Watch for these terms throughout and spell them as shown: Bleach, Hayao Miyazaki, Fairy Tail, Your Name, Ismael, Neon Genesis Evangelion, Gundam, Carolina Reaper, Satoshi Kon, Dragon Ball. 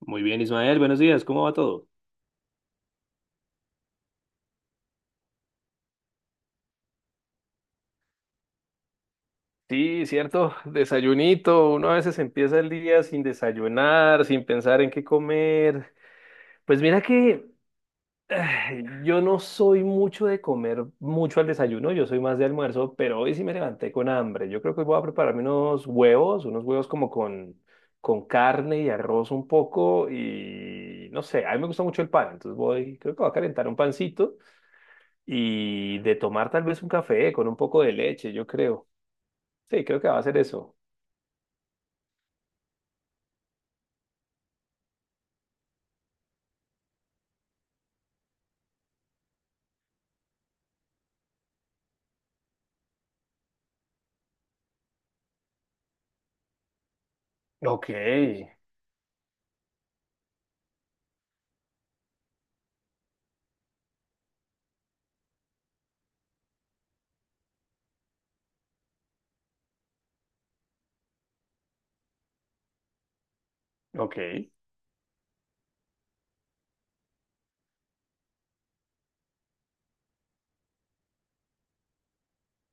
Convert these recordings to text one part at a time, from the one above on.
Muy bien, Ismael, buenos días, ¿cómo va todo? Sí, cierto, desayunito, uno a veces empieza el día sin desayunar, sin pensar en qué comer. Pues mira que ay, yo no soy mucho de comer mucho al desayuno, yo soy más de almuerzo, pero hoy sí me levanté con hambre. Yo creo que voy a prepararme unos huevos como con carne y arroz un poco y no sé, a mí me gusta mucho el pan, entonces voy, creo que voy a calentar un pancito y de tomar tal vez un café con un poco de leche, yo creo. Sí, creo que va a ser eso. Ok, ok.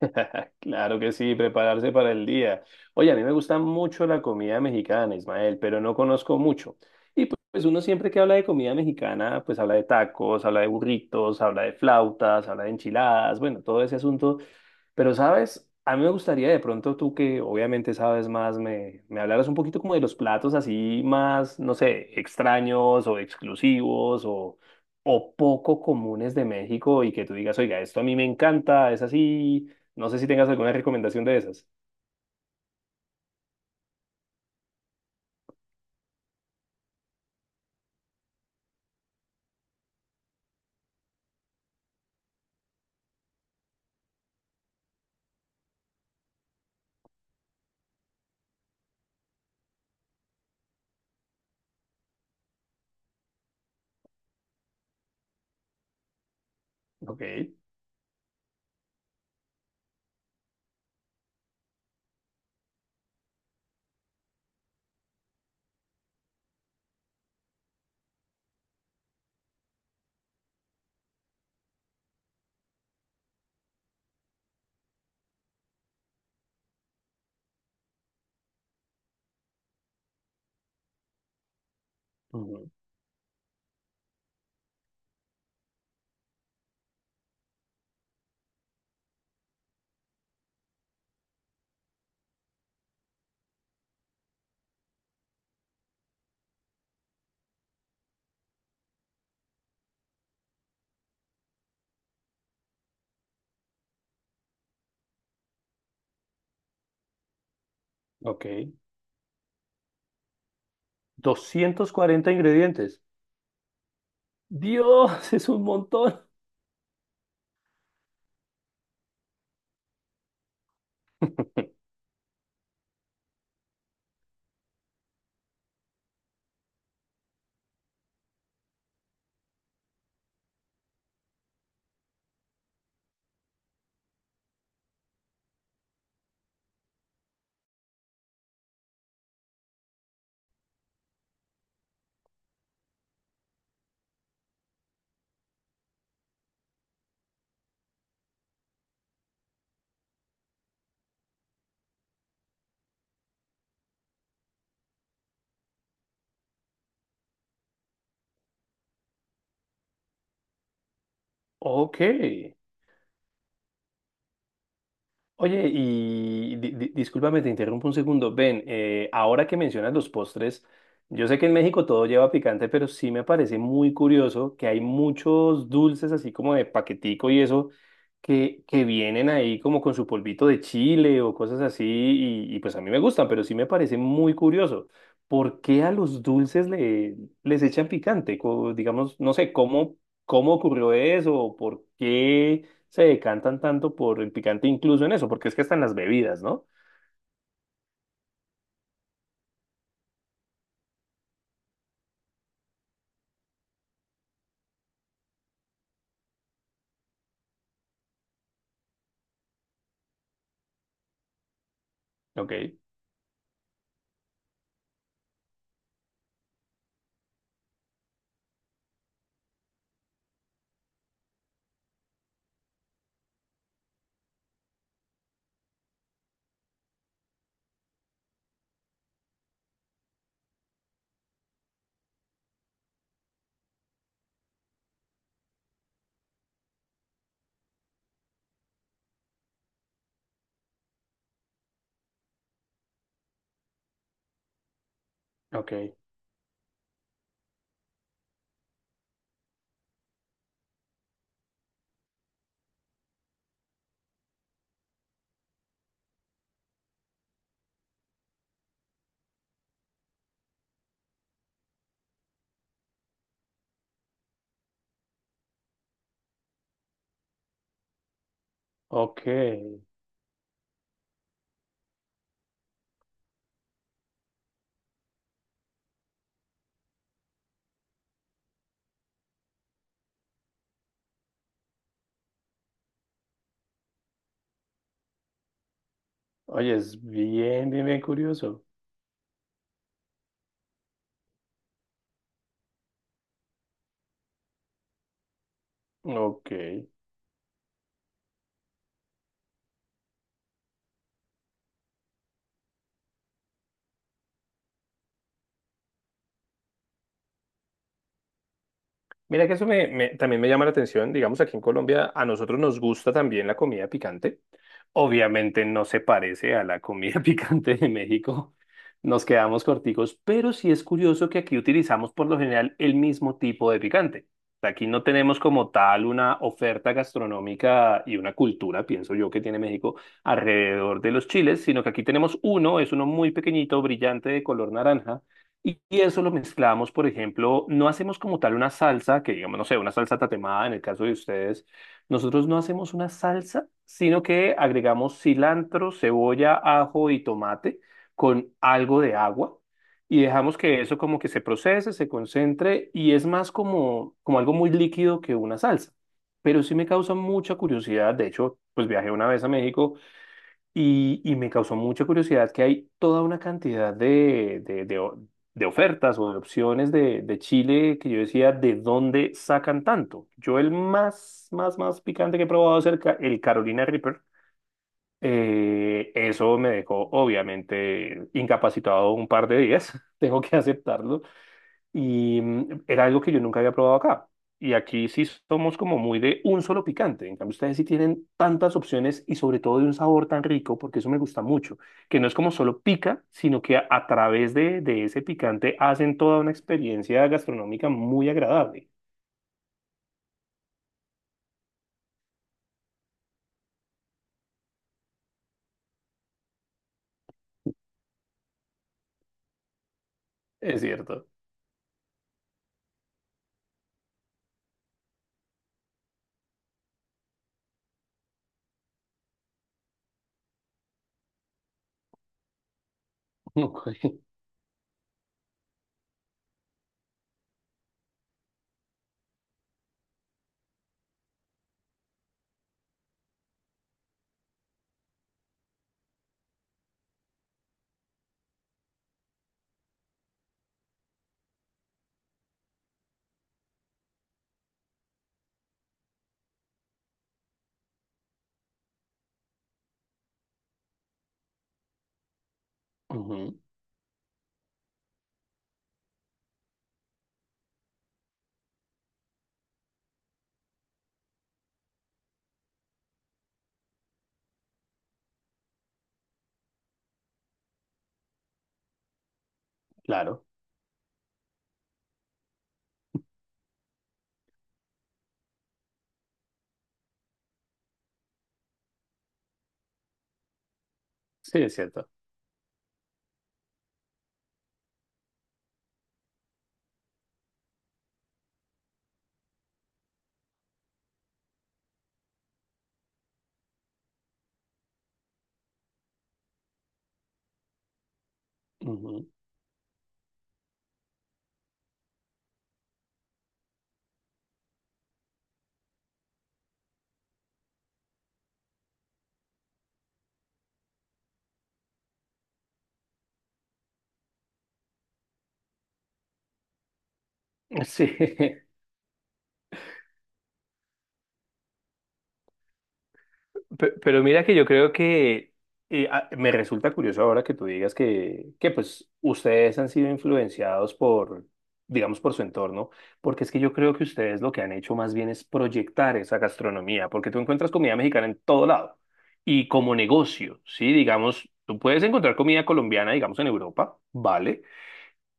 Claro que sí, prepararse para el día. Oye, a mí me gusta mucho la comida mexicana, Ismael, pero no conozco mucho. Pues uno siempre que habla de comida mexicana, pues habla de tacos, habla de burritos, habla de flautas, habla de enchiladas, bueno, todo ese asunto. Pero, ¿sabes? A mí me gustaría de pronto tú que obviamente sabes más, me hablaras un poquito como de los platos así más, no sé, extraños o exclusivos o poco comunes de México y que tú digas, oiga, esto a mí me encanta, es así. No sé si tengas alguna recomendación de esas. Ok. Ujú. Ok. 240 ingredientes. Dios, es un montón. Ok. Oye, discúlpame, te interrumpo un segundo. Ven, ahora que mencionas los postres, yo sé que en México todo lleva picante, pero sí me parece muy curioso que hay muchos dulces así como de paquetico y eso, que vienen ahí como con su polvito de chile o cosas así, y pues a mí me gustan, pero sí me parece muy curioso. ¿Por qué a los dulces les echan picante? Digamos, no sé, ¿cómo ocurrió eso? ¿Por qué se decantan tanto por el picante incluso en eso, porque es que están las bebidas, ¿no? Ok, ok, ok. Oye, es bien, bien, bien curioso. Ok. Mira que eso también me llama la atención. Digamos, aquí en Colombia a nosotros nos gusta también la comida picante. Obviamente no se parece a la comida picante de México. Nos quedamos corticos, pero sí es curioso que aquí utilizamos por lo general el mismo tipo de picante. Aquí no tenemos como tal una oferta gastronómica y una cultura, pienso yo, que tiene México alrededor de los chiles, sino que aquí tenemos uno, es uno muy pequeñito, brillante, de color naranja y eso lo mezclamos, por ejemplo, no hacemos como tal una salsa, que digamos, no sé, una salsa tatemada en el caso de ustedes. Nosotros no hacemos una salsa, sino que agregamos cilantro, cebolla, ajo y tomate con algo de agua y dejamos que eso como que se procese, se concentre y es más como, como algo muy líquido que una salsa. Pero sí me causa mucha curiosidad. De hecho, pues viajé una vez a México y me causó mucha curiosidad que hay toda una cantidad de ofertas o de opciones de Chile que yo decía, ¿de dónde sacan tanto? Yo el más, más, más picante que he probado es el Carolina Reaper. Eso me dejó obviamente incapacitado un par de días, tengo que aceptarlo. Y mm, era algo que yo nunca había probado acá. Y aquí sí somos como muy de un solo picante. En cambio, ustedes sí tienen tantas opciones y sobre todo de un sabor tan rico, porque eso me gusta mucho, que no es como solo pica, sino que a través de ese picante hacen toda una experiencia gastronómica muy agradable. Es cierto. Ujú. Claro. Sí, es cierto. Ujú. Sí. Pero mira que yo creo que me resulta curioso ahora que tú digas que pues ustedes han sido influenciados por, digamos, por su entorno, porque es que yo creo que ustedes lo que han hecho más bien es proyectar esa gastronomía, porque tú encuentras comida mexicana en todo lado y como negocio, ¿sí? Digamos, tú puedes encontrar comida colombiana, digamos, en Europa, ¿vale?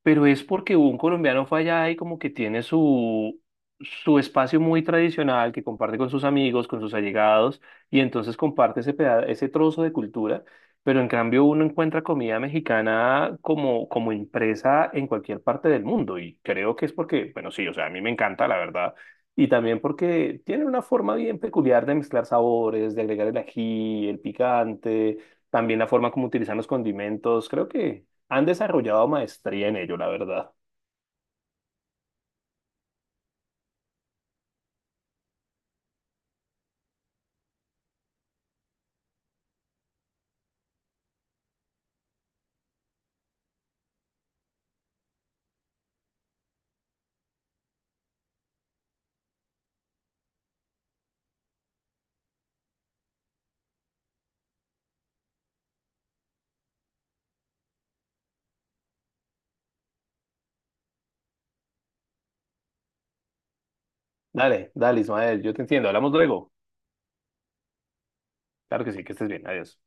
Pero es porque un colombiano fue allá y como que tiene su, su espacio muy tradicional que comparte con sus amigos, con sus allegados, y entonces comparte ese trozo de cultura, pero en cambio uno encuentra comida mexicana como, como impresa en cualquier parte del mundo, y creo que es porque, bueno, sí, o sea, a mí me encanta, la verdad. Y también porque tiene una forma bien peculiar de mezclar sabores, de agregar el ají, el picante, también la forma como utilizan los condimentos. Creo que han desarrollado maestría en ello, la verdad. Dale, dale, Ismael, yo te entiendo. Hablamos luego. Claro que sí, que estés bien. Adiós.